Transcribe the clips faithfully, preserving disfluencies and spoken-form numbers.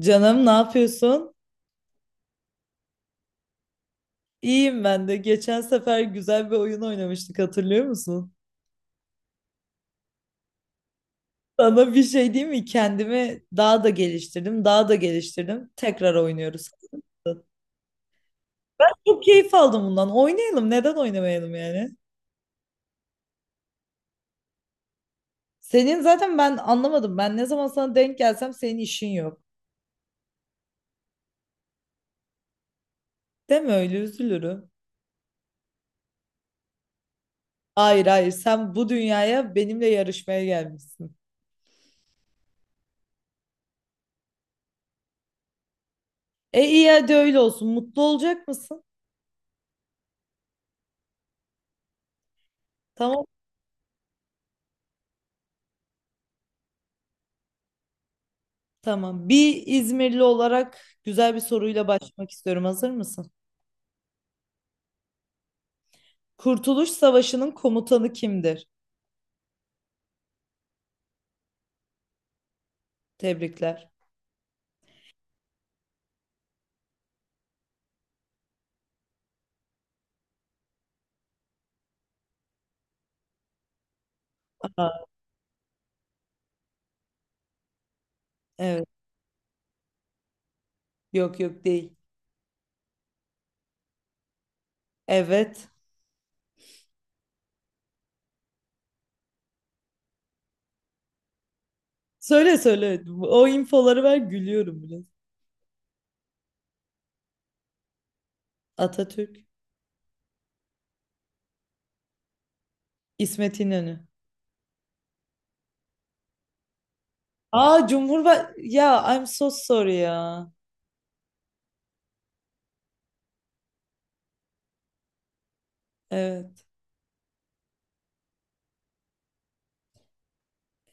Canım ne yapıyorsun? İyiyim ben de. Geçen sefer güzel bir oyun oynamıştık hatırlıyor musun? Sana bir şey diyeyim mi? Kendimi daha da geliştirdim, daha da geliştirdim. Tekrar oynuyoruz. Çok keyif aldım bundan. Oynayalım. Neden oynamayalım yani? Senin zaten ben anlamadım. Ben ne zaman sana denk gelsem senin işin yok. Deme öyle üzülürüm. Hayır hayır, sen bu dünyaya benimle yarışmaya gelmişsin. E iyi, hadi öyle olsun. Mutlu olacak mısın? Tamam. Tamam. Bir İzmirli olarak güzel bir soruyla başlamak istiyorum. Hazır mısın? Kurtuluş Savaşı'nın komutanı kimdir? Tebrikler. Aa, evet. Yok yok, değil. Evet. Söyle söyle. O infoları ver, gülüyorum biraz. Atatürk. İsmet İnönü. Aa, Cumhurba... Ya, I'm so sorry ya. Evet.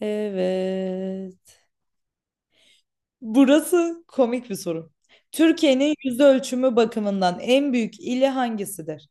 Evet. Burası komik bir soru. Türkiye'nin yüz ölçümü bakımından en büyük ili hangisidir?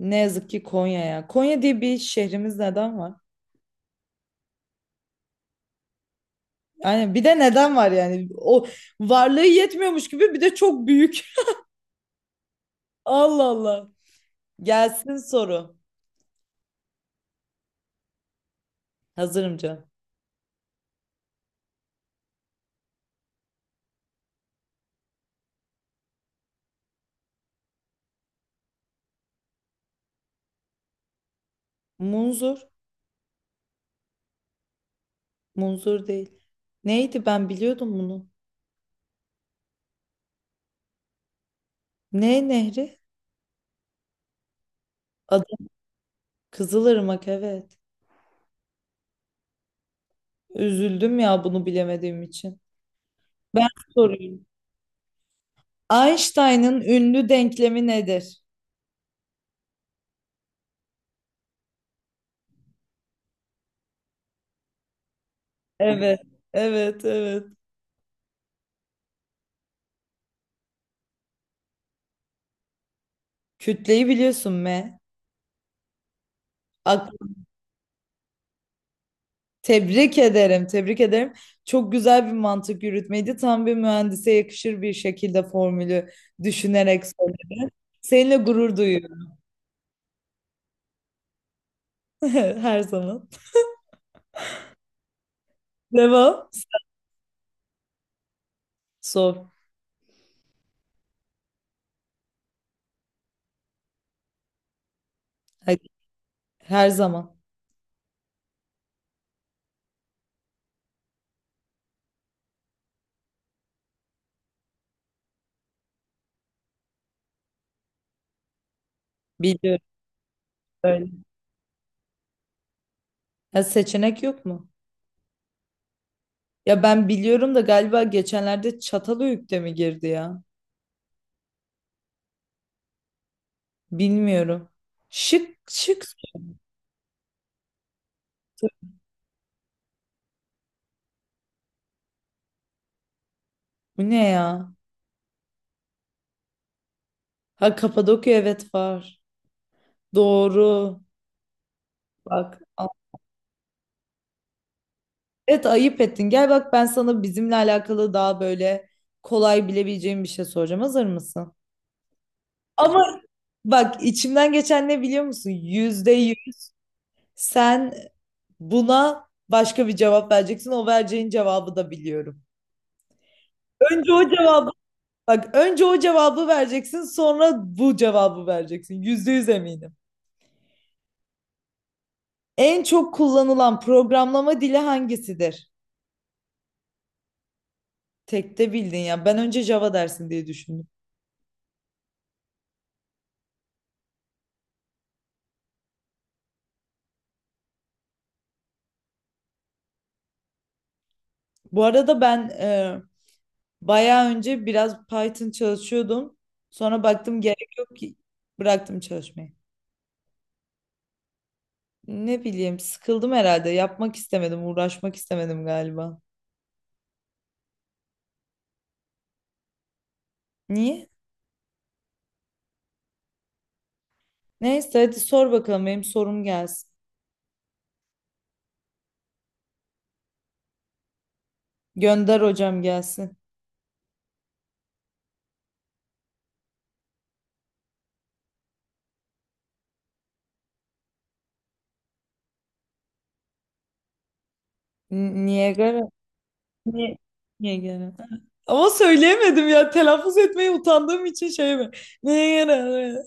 Ne yazık ki Konya ya. Konya diye bir şehrimiz neden var? Yani bir de neden var yani? O varlığı yetmiyormuş gibi bir de çok büyük. Allah Allah. Gelsin soru. Hazırım canım. Munzur. Munzur değil. Neydi, ben biliyordum bunu. Ne nehri? Adı Kızılırmak, evet. Üzüldüm ya bunu bilemediğim için. Ben sorayım. Einstein'ın ünlü denklemi nedir? Evet. Evet evet. Kütleyi biliyorsun, me. Tebrik ederim, tebrik ederim. Çok güzel bir mantık yürütmeydi. Tam bir mühendise yakışır bir şekilde formülü düşünerek söyledi. Seninle gurur duyuyorum, her zaman. Devam. Sor. Hadi. Her zaman. Biliyorum öyle. Ya, seçenek yok mu? Ya ben biliyorum da galiba geçenlerde Çatalhöyük'te mi girdi ya? Bilmiyorum. Şık şık. Bu ne ya? Ha, Kapadokya, evet, var. Doğru. Bak. Evet, ayıp ettin. Gel bak, ben sana bizimle alakalı daha böyle kolay bilebileceğim bir şey soracağım. Hazır mısın? Ama bak, içimden geçen ne biliyor musun? Yüzde yüz sen buna başka bir cevap vereceksin. O vereceğin cevabı da biliyorum. Önce o cevabı, bak, önce o cevabı vereceksin, sonra bu cevabı vereceksin. Yüzde yüz eminim. En çok kullanılan programlama dili hangisidir? Tekte bildin ya. Ben önce Java dersin diye düşündüm. Bu arada ben e, bayağı önce biraz Python çalışıyordum. Sonra baktım gerek yok ki, bıraktım çalışmayı. Ne bileyim, sıkıldım herhalde. Yapmak istemedim, uğraşmak istemedim galiba. Niye? Neyse, hadi sor bakalım, benim sorum gelsin. Gönder hocam, gelsin. N- Niagara. Ni- Niagara. Ama söyleyemedim ya. Telaffuz etmeyi utandığım için şey mi? Niagara.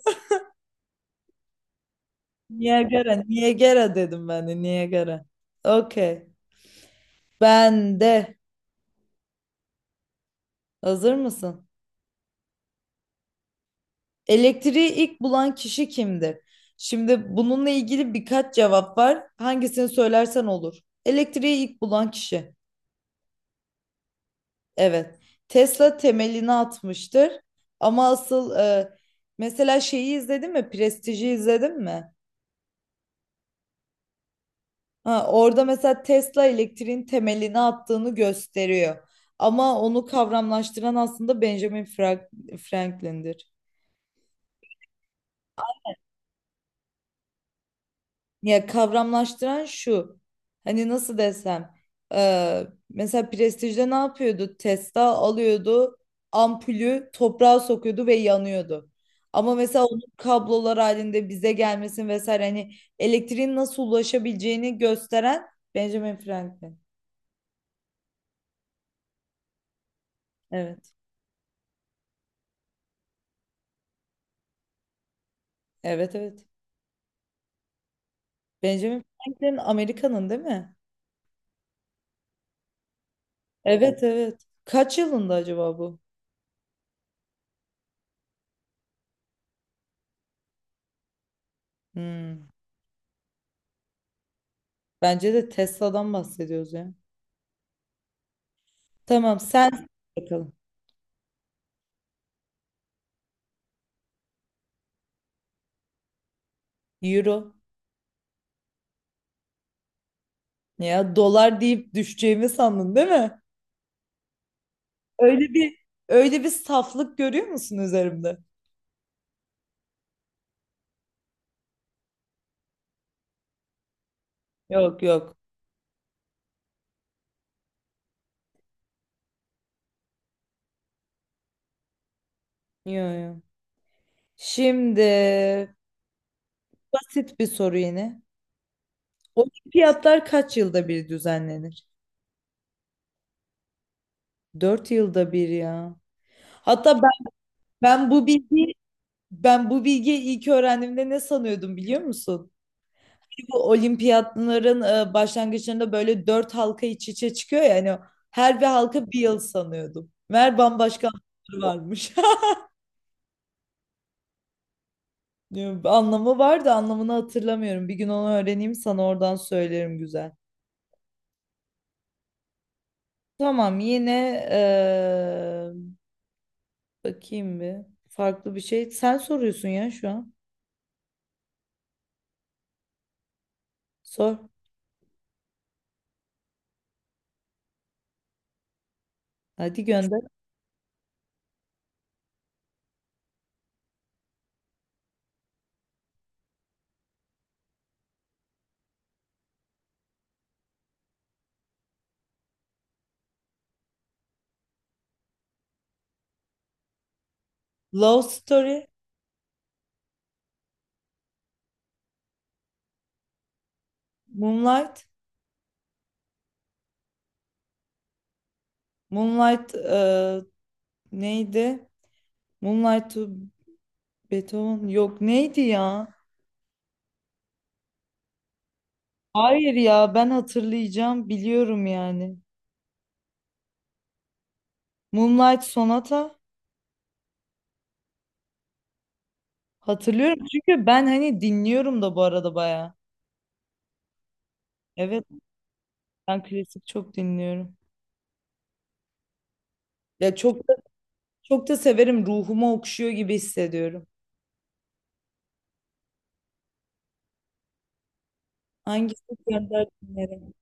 Niagara. Niagara dedim ben de. Niagara. Okey. Ben de. Hazır mısın? Elektriği ilk bulan kişi kimdir? Şimdi bununla ilgili birkaç cevap var. Hangisini söylersen olur. Elektriği ilk bulan kişi. Evet. Tesla temelini atmıştır. Ama asıl e, mesela şeyi izledin mi? Prestij'i izledin mi? Ha, orada mesela Tesla elektriğin temelini attığını gösteriyor. Ama onu kavramlaştıran aslında Benjamin Frank- Franklin'dir. Ya kavramlaştıran şu. Hani nasıl desem. Eee, mesela Prestige'de ne yapıyordu? Testa alıyordu. Ampulü toprağa sokuyordu ve yanıyordu. Ama mesela onun kablolar halinde bize gelmesin vesaire, hani elektriğin nasıl ulaşabileceğini gösteren Benjamin Franklin. Evet. Evet evet. Benjamin Franklin Amerika'nın değil mi? Evet evet. Kaç yılında acaba bu? Hmm. Bence de Tesla'dan bahsediyoruz ya. Tamam, sen bakalım. Euro. Ne, ya dolar deyip düşeceğimi sandın değil mi? Öyle bir öyle bir saflık görüyor musun üzerimde? Yok yok. Yok yok. Şimdi basit bir soru yine. Olimpiyatlar kaç yılda bir düzenlenir? Dört yılda bir ya. Hatta ben, ben bu bilgiyi ben bu bilgiyi ilk öğrendiğimde ne sanıyordum biliyor musun? Bu olimpiyatların e, başlangıçlarında böyle dört halka iç içe çıkıyor ya hani, o- her bir halka bir yıl sanıyordum. Meğer bambaşka halkaları varmış. Diyorum, anlamı vardı, anlamını hatırlamıyorum. Bir gün onu öğreneyim, sana oradan söylerim, güzel. Tamam yine, e, bakayım bir farklı bir şey. Sen soruyorsun ya şu an. Sor. Hadi gönder. Love Story. Moonlight. Moonlight e, neydi? Moonlight to Beethoven, yok neydi ya? Hayır ya, ben hatırlayacağım, biliyorum yani. Moonlight Sonata, hatırlıyorum çünkü ben hani dinliyorum da bu arada baya. Evet, ben klasik çok dinliyorum. Ya çok da, çok da severim, ruhuma okşuyor gibi hissediyorum. Hangisi, gönder dinlerim.